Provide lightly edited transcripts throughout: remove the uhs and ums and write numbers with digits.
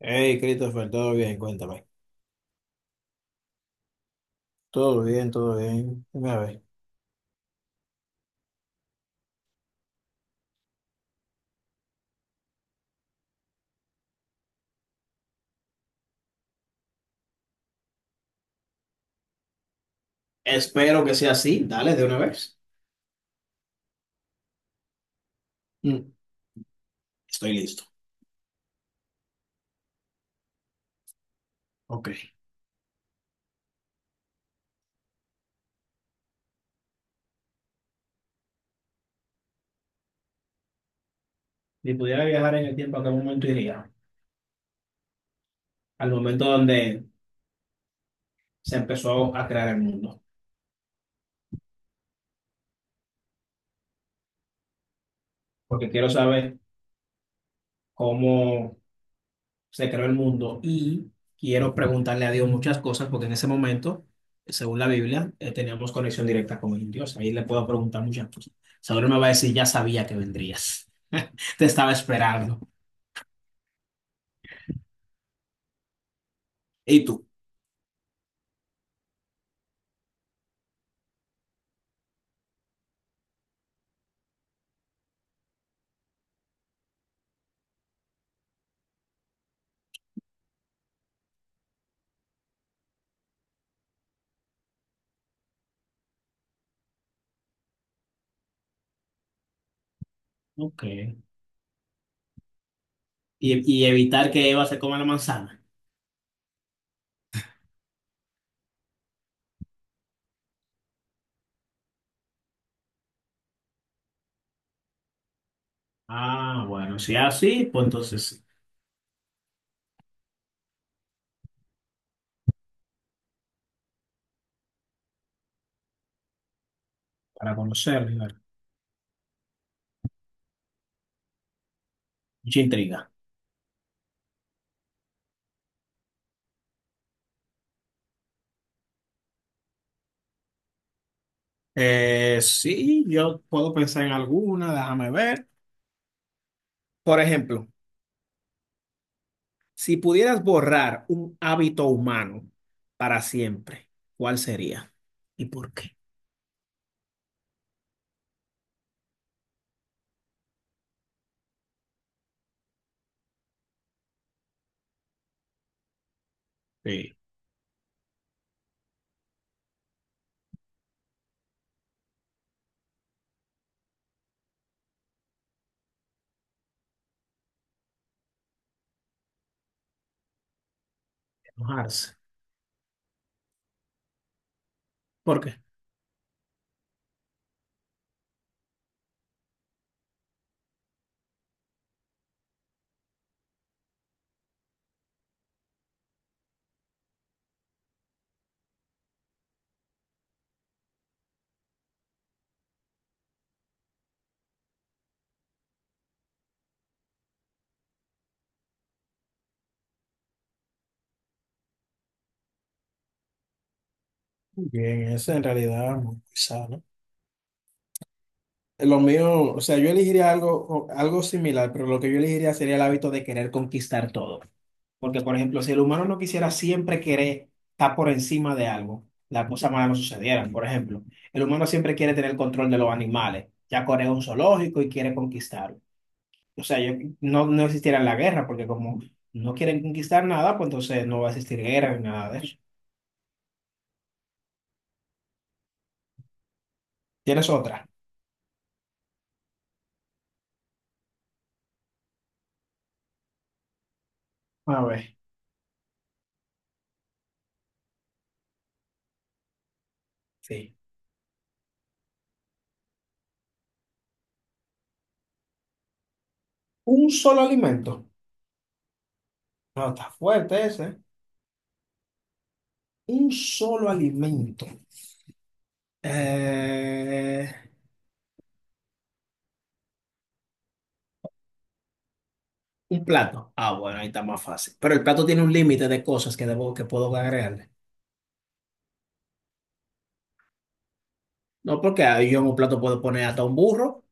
Hey, Christopher, todo bien, cuéntame. Todo bien, todo bien. Dime a ver. Espero que sea así. Dale, de una vez. Mm, estoy listo. Ok. Si pudiera viajar en el tiempo, ¿a qué momento iría? Al momento donde se empezó a crear el mundo. Porque quiero saber cómo se creó el mundo y quiero preguntarle a Dios muchas cosas porque en ese momento, según la Biblia, teníamos conexión directa con el Dios. Ahí le puedo preguntar muchas cosas. Seguro me va a decir, ya sabía que vendrías. Te estaba esperando. ¿Y tú? Ok. Y evitar que Eva se coma la manzana. Ah, bueno, si es así, pues entonces sí. Para conocer, claro. Mucha intriga. Sí, yo puedo pensar en alguna, déjame ver. Por ejemplo, si pudieras borrar un hábito humano para siempre, ¿cuál sería? ¿Y por qué? Sí. Enojarse. ¿Por qué? Muy bien, eso en realidad es muy sano. Lo mío, o sea, yo elegiría algo, algo similar, pero lo que yo elegiría sería el hábito de querer conquistar todo. Porque, por ejemplo, si el humano no quisiera siempre querer estar por encima de algo, las cosas malas no sucedieran. Por ejemplo, el humano siempre quiere tener control de los animales. Ya corre un zoológico y quiere conquistarlo. O sea, yo, no existiera la guerra, porque como no quieren conquistar nada, pues entonces no va a existir guerra ni nada de eso. ¿Tienes otra? A ver, sí. Un solo alimento. No, está fuerte ese. Un solo alimento. Eh, Un plato. Ah, bueno, ahí está más fácil. Pero el plato tiene un límite de cosas que que puedo agregarle. No, porque ahí yo en un plato puedo poner hasta un burro.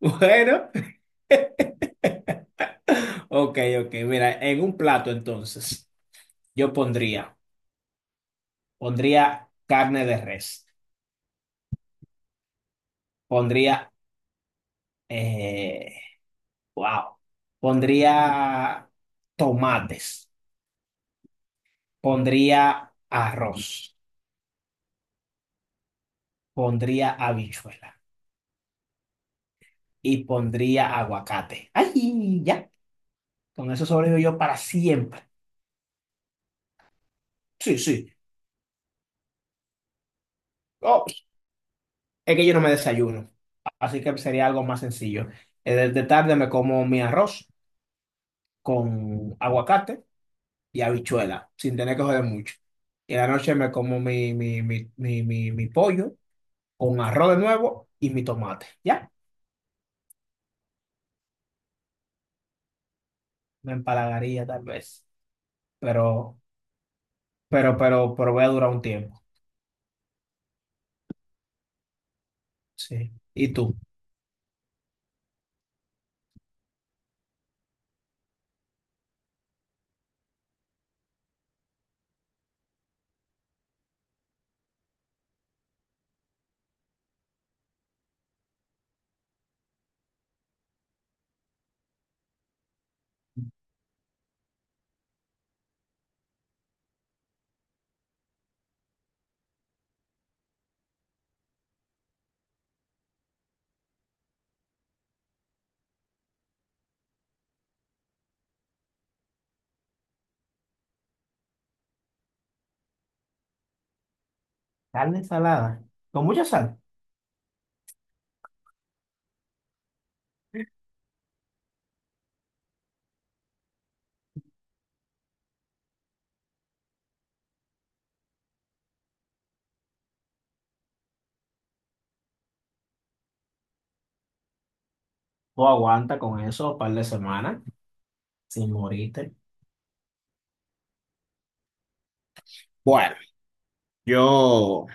Bueno, ok, ok. Mira, en un plato entonces, yo pondría, pondría carne de res, pondría, eh, wow, pondría tomates, pondría arroz, pondría habichuela y pondría aguacate. ¡Ay, ya! Con eso sobrevivo yo para siempre. Sí, sí. Oh, es que yo no me desayuno. Así que sería algo más sencillo. De tarde me como mi arroz con aguacate y habichuela, sin tener que joder mucho. Y en la noche me como mi pollo con arroz de nuevo y mi tomate. Ya, me empalagaría tal vez. Pero, pero voy a durar un tiempo. Sí. ¿Y tú? Carne salada. Con mucha sal. Tú aguanta con eso un par de semanas sin morirte. Bueno, yo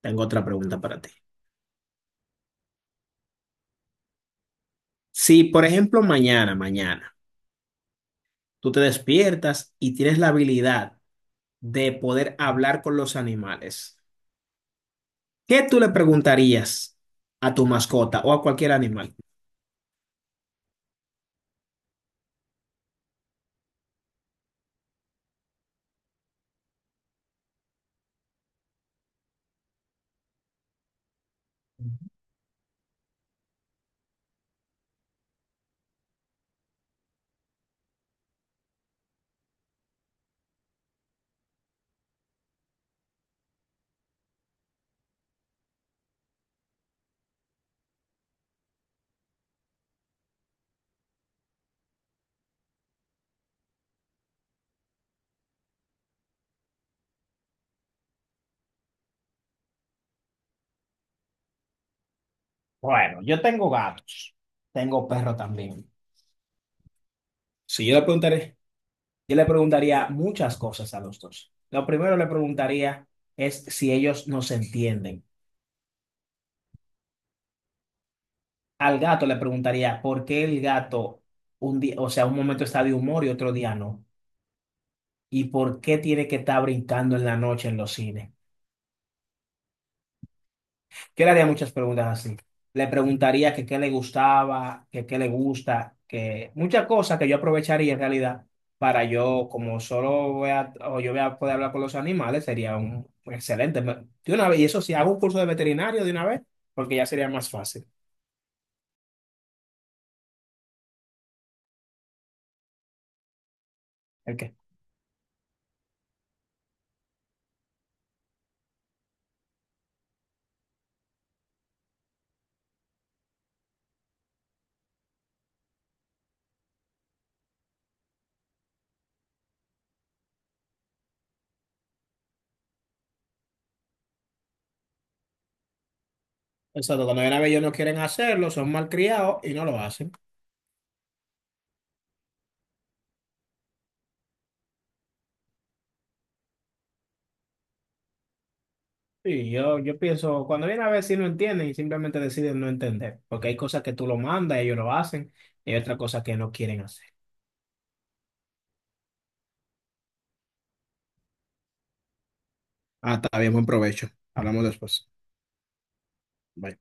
tengo otra pregunta para ti. Si, por ejemplo, mañana, tú te despiertas y tienes la habilidad de poder hablar con los animales, ¿qué tú le preguntarías a tu mascota o a cualquier animal? Bueno, yo tengo gatos, tengo perro también. Si yo le preguntaré, yo le preguntaría muchas cosas a los dos. Lo primero le preguntaría es si ellos nos entienden. Al gato le preguntaría por qué el gato un día, o sea, un momento está de humor y otro día no. Y por qué tiene que estar brincando en la noche en los cines. Yo le haría muchas preguntas así. Le preguntaría que qué le gustaba, que qué le gusta, que muchas cosas que yo aprovecharía en realidad para yo, como solo voy a, o yo voy a poder hablar con los animales, sería un excelente. De una vez, y eso sí, hago un curso de veterinario de una vez, porque ya sería más fácil. ¿El qué? Exacto, cuando viene a ver ellos no quieren hacerlo, son malcriados y no lo hacen. Sí, yo pienso, cuando viene a ver si no entienden y simplemente deciden no entender, porque hay cosas que tú lo mandas, ellos lo hacen, y hay otras cosas que no quieren hacer. Ah, está bien, buen provecho. Hablamos después. Bye.